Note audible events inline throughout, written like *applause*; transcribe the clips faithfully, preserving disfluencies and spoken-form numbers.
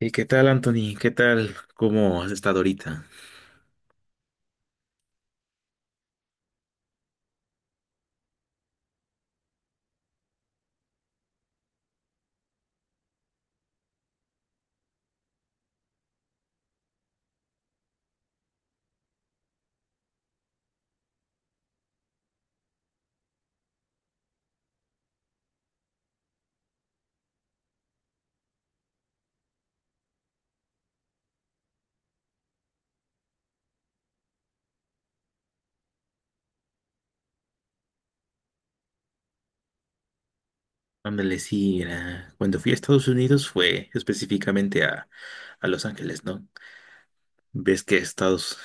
¿Y qué tal, Anthony? ¿Qué tal? ¿Cómo has estado ahorita? Ándale, sí, era- cuando fui a Estados Unidos fue específicamente a, a Los Ángeles, ¿no? Ves que Estados,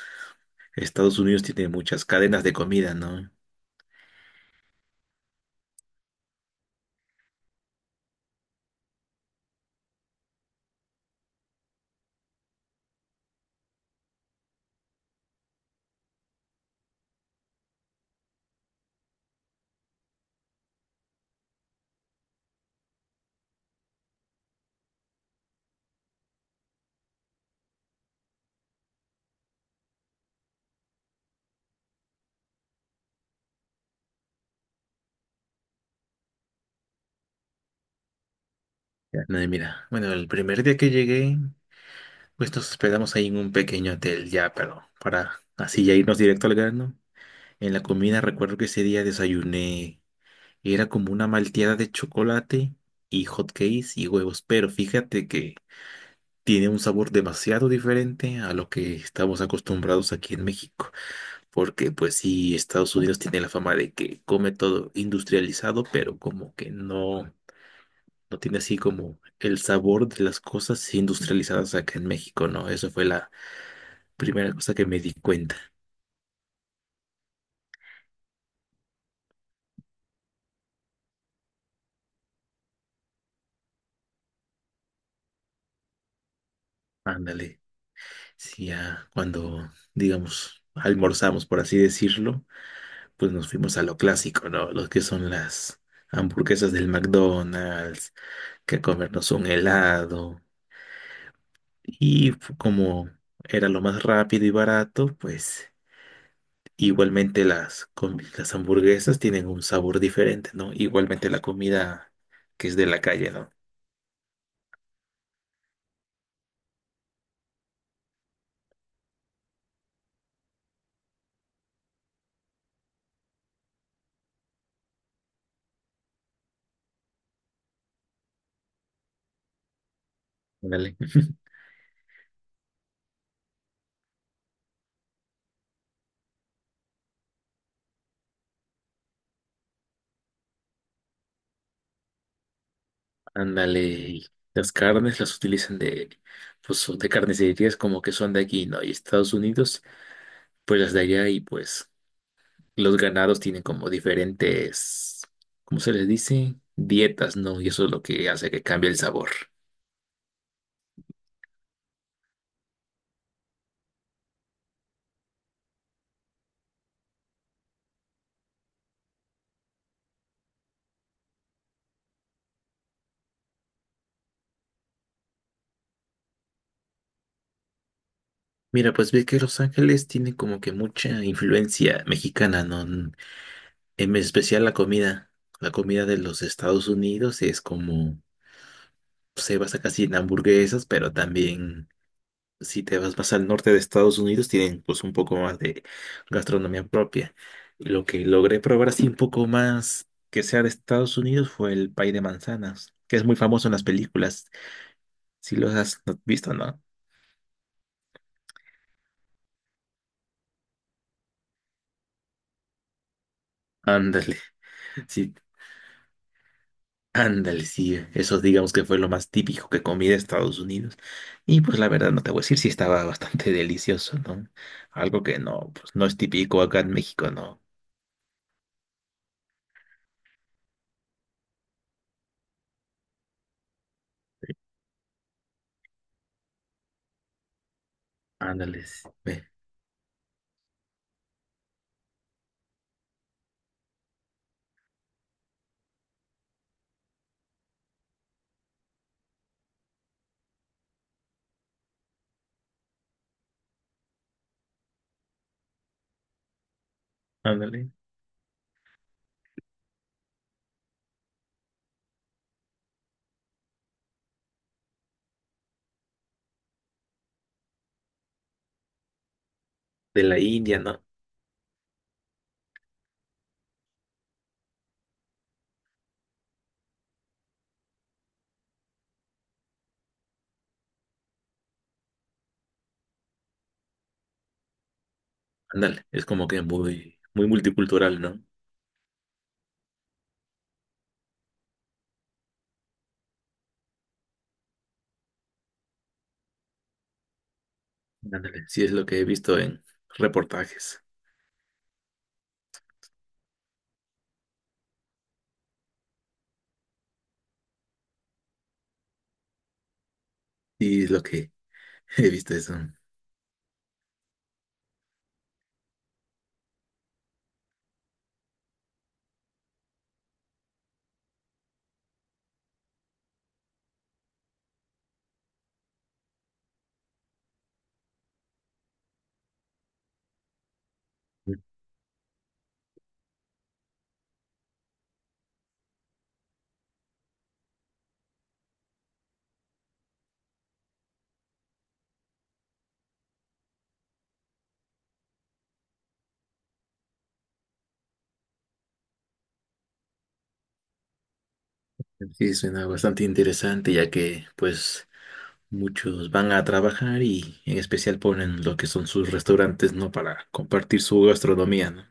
Estados Unidos tiene muchas cadenas de comida, ¿no? Ya. No, y mira, bueno, el primer día que llegué, pues nos hospedamos ahí en un pequeño hotel ya, pero para así ya irnos directo al grano. En la comida recuerdo que ese día desayuné, era como una malteada de chocolate y hot cakes y huevos, pero fíjate que tiene un sabor demasiado diferente a lo que estamos acostumbrados aquí en México, porque pues sí, Estados Unidos tiene la fama de que come todo industrializado, pero como que no, no tiene así como el sabor de las cosas industrializadas acá en México, ¿no? Eso fue la primera cosa que me di cuenta. Ándale, sí, ya cuando, digamos, almorzamos, por así decirlo, pues nos fuimos a lo clásico, ¿no? Los que son las hamburguesas del McDonald's que comernos un helado. Y fu- como era lo más rápido y barato, pues igualmente las, com- las hamburguesas tienen un sabor diferente, ¿no? Igualmente la comida que es de la calle, ¿no? Ándale. *laughs* Ándale. Y las carnes las utilizan de, pues, son de carnicerías como que son de aquí, ¿no? Y Estados Unidos, pues las de allá. Y pues los ganados tienen como diferentes, ¿cómo se les dice? Dietas, ¿no? Y eso es lo que hace que cambie el sabor. Mira, pues ve que Los Ángeles tiene como que mucha influencia mexicana, ¿no? Mm, en especial la comida. La comida de los Estados Unidos es como, se basa casi en hamburguesas, pero también si te vas más al norte de Estados Unidos, tienen pues un poco más de gastronomía propia. Lo que logré probar así un poco más que sea de Estados Unidos fue el pay de manzanas, que es muy famoso en las películas. Si los has visto, ¿no? Ándale, sí, ándale, sí. Eso digamos que fue lo más típico que comí de Estados Unidos. Y pues la verdad no te voy a decir si estaba bastante *laughs* delicioso, ¿no? Algo que no, pues no es típico acá en México, ¿no? Ándale, sí, ve, ándale. De la India, ¿no? Ándale, es como que muy, muy multicultural, ¿no? Ándale, sí, es lo que he visto en reportajes. Sí, es lo que *laughs* he visto eso. Sí, suena bastante interesante, ya que pues muchos van a trabajar y en especial ponen lo que son sus restaurantes, ¿no? Para compartir su gastronomía, ¿no?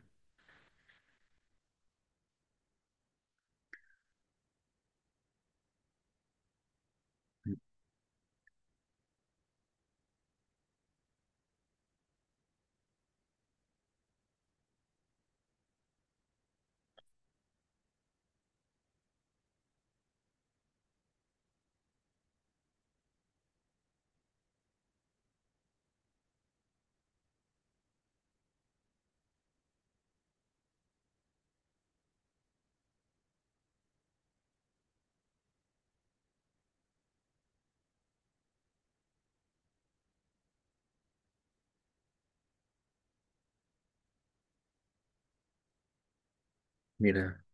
Mira,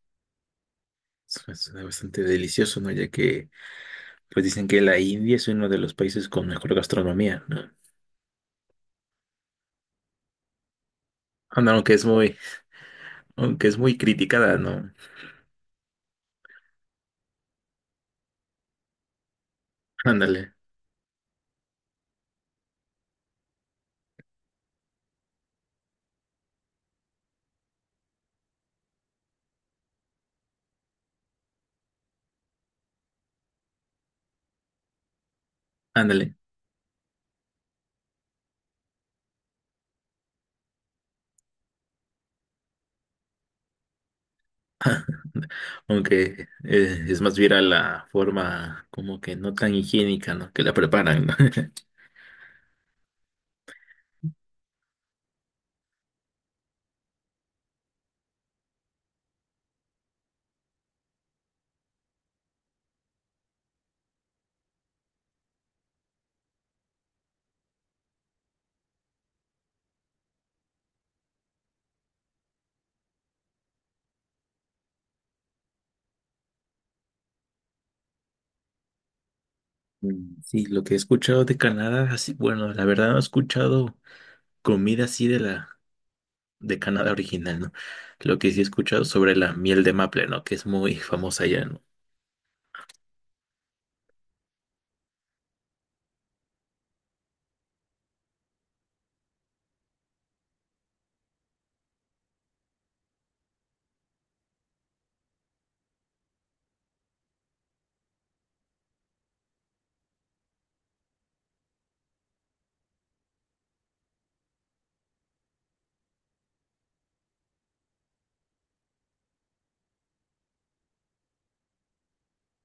su- suena bastante delicioso, ¿no? Ya que pues dicen que la India es uno de los países con mejor gastronomía, ¿no? Anda, aunque es muy, aunque es muy criticada, ¿no? Ándale, ándale. *laughs* Aunque eh, es más viral la forma como que no tan higiénica, ¿no? Que la preparan, ¿no? *laughs* Mm, sí, lo que he escuchado de Canadá, así, bueno, la verdad no he escuchado comida así de la de Canadá original, ¿no? Lo que sí he escuchado sobre la miel de maple, ¿no? Que es muy famosa allá, ¿no?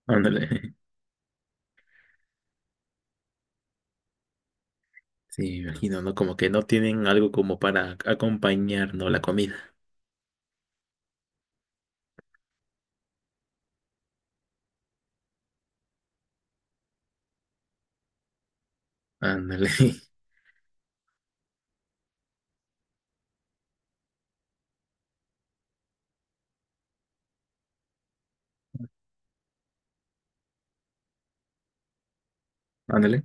Ándale. *laughs* Sí, me imagino, ¿no? Como que no tienen algo como para acompañar, ¿no? La comida. Ándale. *laughs* Ándale.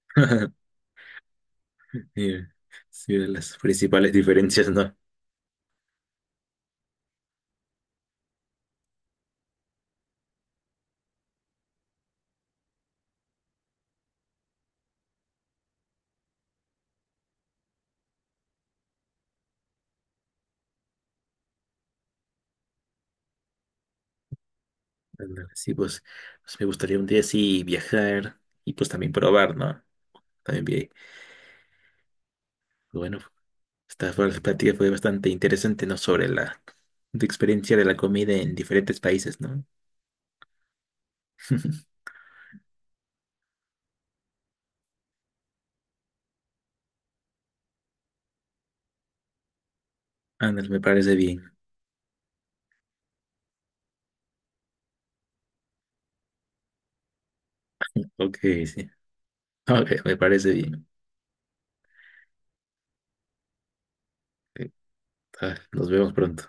*laughs* Sí, sí, de las principales diferencias, ¿no? Ándale, sí, pues, pues me gustaría un día así viajar y pues también probar, ¿no? También vi, pues, bueno, esta fue- la plática fue bastante interesante, ¿no? Sobre la, tu experiencia de la comida en diferentes países, ¿no? *laughs* Ándale, me parece bien. Ok, sí. Ok, me parece bien. Ok, ah, nos vemos pronto.